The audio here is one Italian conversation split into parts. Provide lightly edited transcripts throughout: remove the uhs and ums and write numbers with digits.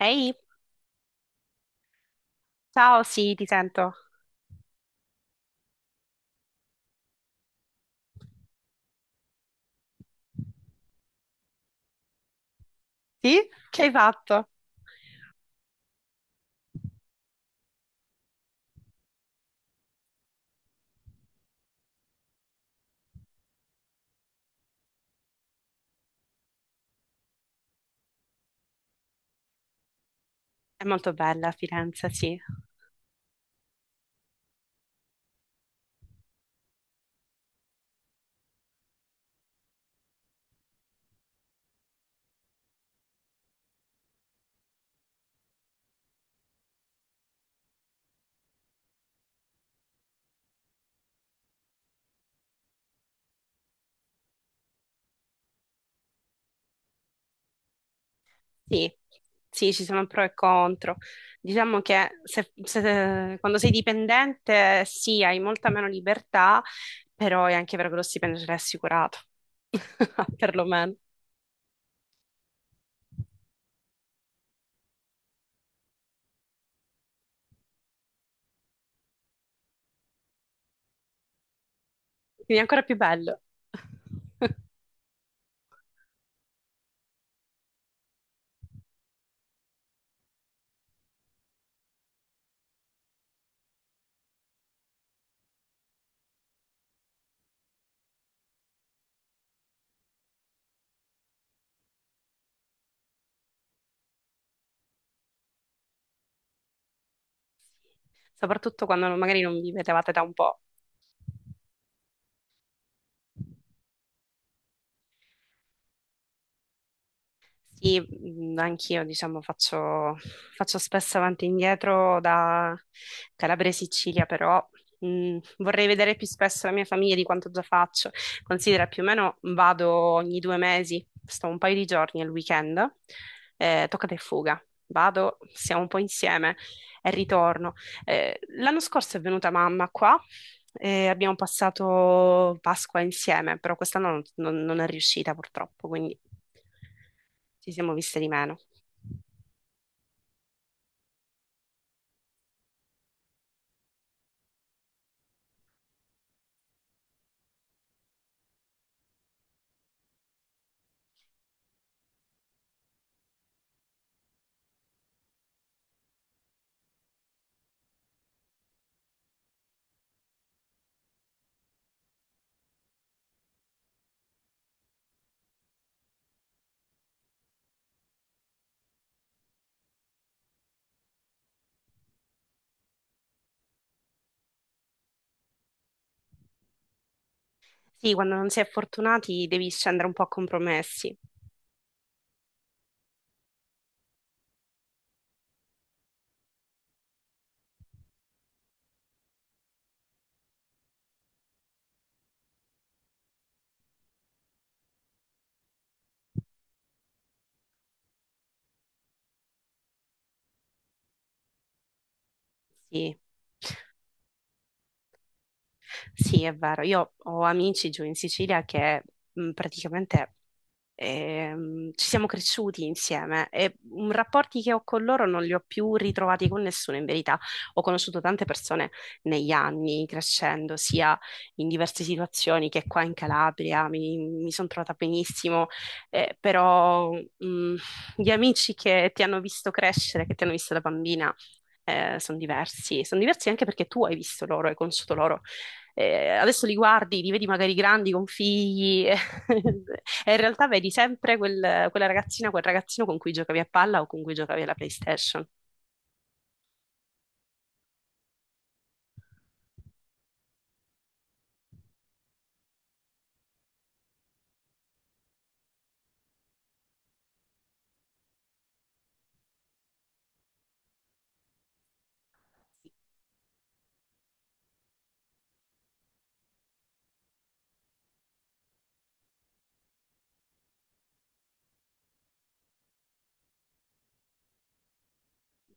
Ehi, ciao, sì, ti sento. Sì? Che hai fatto? È molto bella Firenze, sì. Sì, sì, ci sono pro e contro. Diciamo che quando sei dipendente, sì, hai molta meno libertà, però è anche vero che lo stipendio te l'hai assicurato, perlomeno. Quindi è ancora più bello. Soprattutto quando magari non vi vedevate da un po'. Sì, anch'io faccio spesso avanti e indietro da Calabria e Sicilia, però vorrei vedere più spesso la mia famiglia di quanto già faccio. Considera più o meno vado ogni due mesi, sto un paio di giorni al weekend, toccata e fuga. Vado, siamo un po' insieme e ritorno. L'anno scorso è venuta mamma qua e abbiamo passato Pasqua insieme, però quest'anno non è riuscita purtroppo, quindi ci siamo viste di meno. Sì, quando non si è fortunati devi scendere un po' a compromessi. Sì. Sì, è vero. Io ho amici giù in Sicilia che praticamente ci siamo cresciuti insieme e, rapporti che ho con loro non li ho più ritrovati con nessuno in verità. Ho conosciuto tante persone negli anni, crescendo, sia in diverse situazioni che qua in Calabria, mi sono trovata benissimo, però gli amici che ti hanno visto crescere, che ti hanno visto da bambina, sono diversi anche perché tu hai visto loro, hai conosciuto loro, adesso li guardi, li vedi magari grandi con figli, e in realtà vedi sempre quella ragazzina, quel ragazzino con cui giocavi a palla o con cui giocavi alla PlayStation.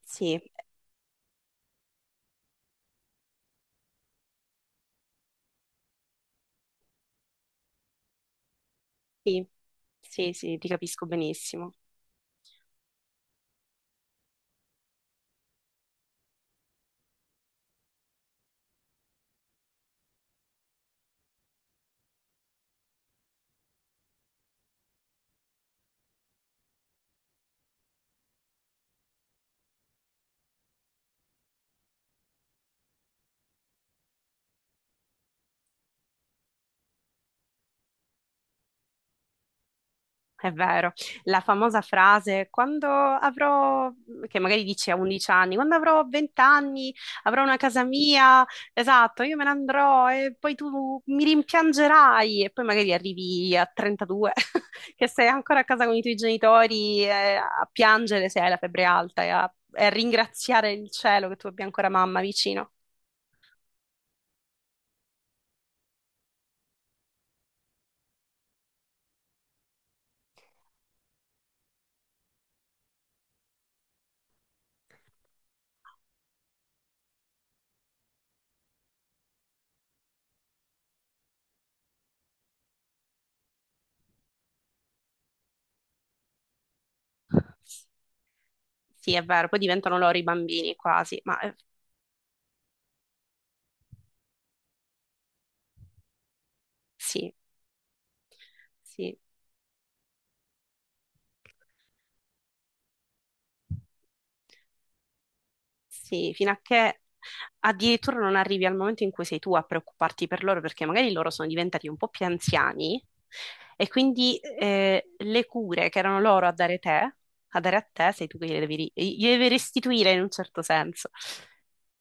Sì, sì, sì, sì, ti capisco benissimo. È vero, la famosa frase quando avrò, che magari dici a 11 anni, quando avrò 20 anni avrò una casa mia, esatto, io me ne andrò e poi tu mi rimpiangerai e poi magari arrivi a 32 che sei ancora a casa con i tuoi genitori, a piangere se hai la febbre alta e a ringraziare il cielo che tu abbia ancora mamma vicino. Sì, è vero, poi diventano loro i bambini quasi, ma sì, sì. Sì, fino a che addirittura non arrivi al momento in cui sei tu a preoccuparti per loro, perché magari loro sono diventati un po' più anziani e quindi le cure che erano loro a dare te a dare a te, sei tu che gliele devi, gliele devi restituire in un certo senso.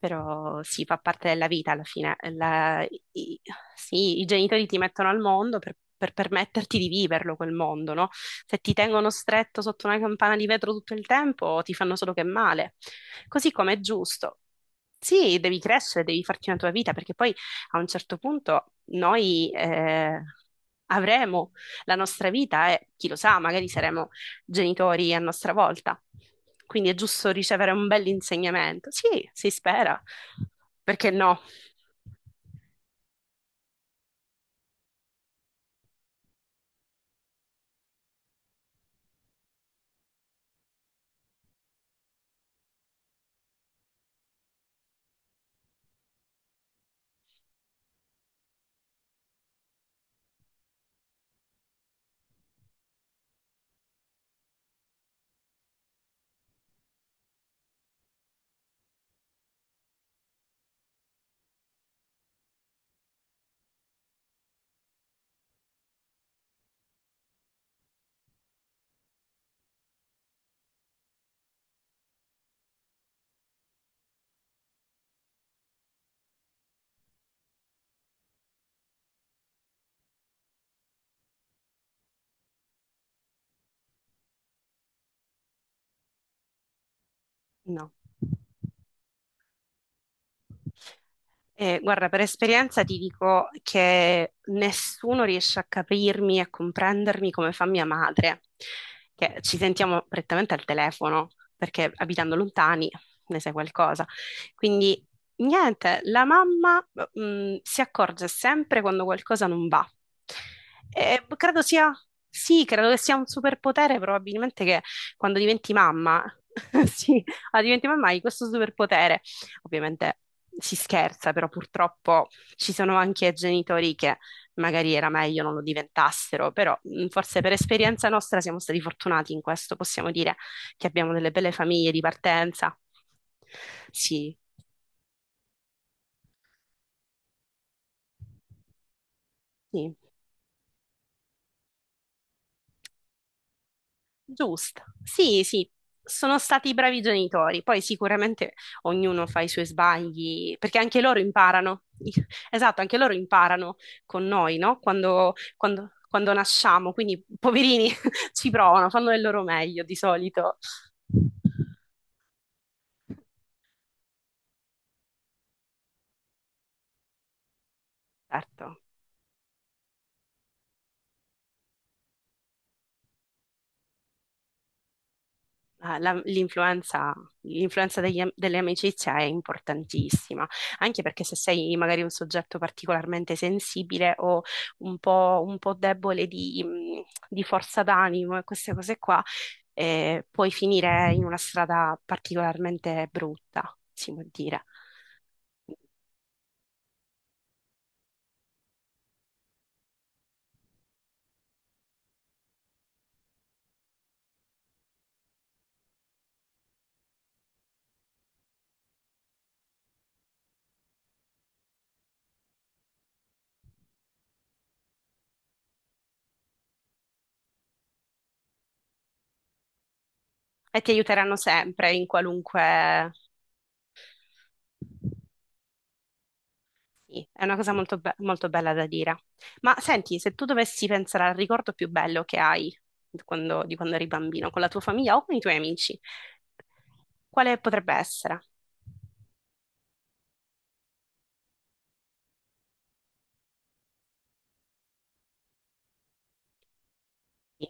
Però sì, fa parte della vita alla fine. I, sì, i genitori ti mettono al mondo per permetterti di viverlo quel mondo, no? Se ti tengono stretto sotto una campana di vetro tutto il tempo, ti fanno solo che male. Così come è giusto. Sì, devi crescere, devi farti una tua vita, perché poi a un certo punto noi, avremo la nostra vita e chi lo sa, magari saremo genitori a nostra volta. Quindi è giusto ricevere un bell'insegnamento. Sì, si spera. Perché no? No. Guarda, per esperienza ti dico che nessuno riesce a capirmi e a comprendermi come fa mia madre, che ci sentiamo prettamente al telefono, perché abitando lontani ne sai qualcosa. Quindi, niente, la mamma, si accorge sempre quando qualcosa non va. E credo sia, sì, credo che sia un superpotere, probabilmente, che quando diventi mamma, sì, ah, diventi mamma hai questo superpotere. Ovviamente si scherza, però purtroppo ci sono anche genitori che magari era meglio non lo diventassero, però forse per esperienza nostra siamo stati fortunati in questo, possiamo dire che abbiamo delle belle famiglie di partenza. Sì, sì. Giusto, sì, sì, sono stati bravi genitori, poi sicuramente ognuno fa i suoi sbagli, perché anche loro imparano, esatto, anche loro imparano con noi, no? Quando nasciamo, quindi poverini ci provano, fanno del loro meglio di solito. Certo. Ah, l'influenza, l'influenza delle amicizie è importantissima, anche perché se sei magari un soggetto particolarmente sensibile o un po' debole di forza d'animo e queste cose qua, puoi finire in una strada particolarmente brutta, si può dire. E ti aiuteranno sempre in qualunque. Sì, è una cosa molto, molto bella da dire. Ma senti, se tu dovessi pensare al ricordo più bello che hai quando, di quando eri bambino, con la tua famiglia o con i tuoi amici, quale potrebbe essere? Sì.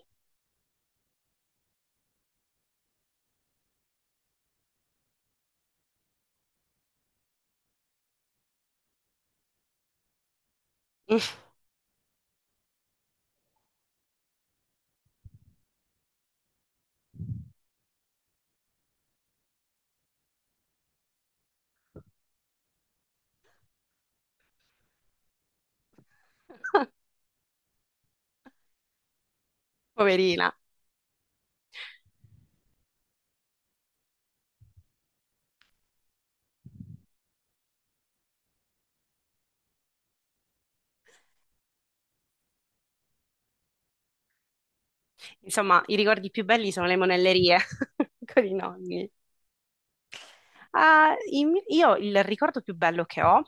Poverina. Insomma, i ricordi più belli sono le monellerie con i nonni. Ah, io il ricordo più bello che ho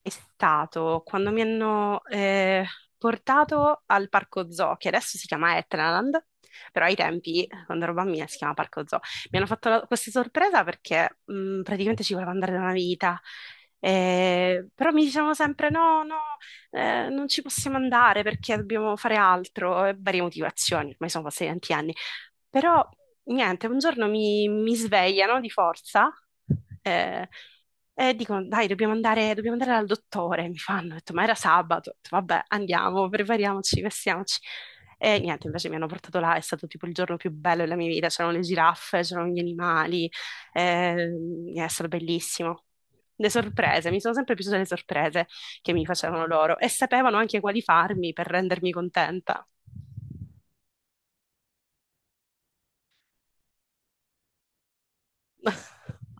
è stato quando mi hanno, portato al parco zoo, che adesso si chiama Etnaland, però ai tempi, quando ero bambina, si chiamava parco zoo. Mi hanno fatto questa sorpresa perché, praticamente ci volevo andare da una vita. Però mi dicevano sempre: no, no, non ci possiamo andare perché dobbiamo fare altro, e varie motivazioni, ormai sono passati tanti anni. Però niente, un giorno mi svegliano di forza, eh, e dicono: Dai, dobbiamo andare dal dottore. Mi fanno, ho detto, ma era sabato. Ho detto, vabbè, andiamo, prepariamoci, vestiamoci. E niente, invece mi hanno portato là, è stato tipo il giorno più bello della mia vita. C'erano le giraffe, c'erano gli animali, eh, è stato bellissimo. Le sorprese, mi sono sempre piaciute le sorprese che mi facevano loro e sapevano anche quali farmi per rendermi contenta.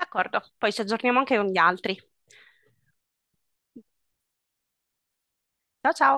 D'accordo, poi ci aggiorniamo anche con gli altri. Ciao ciao!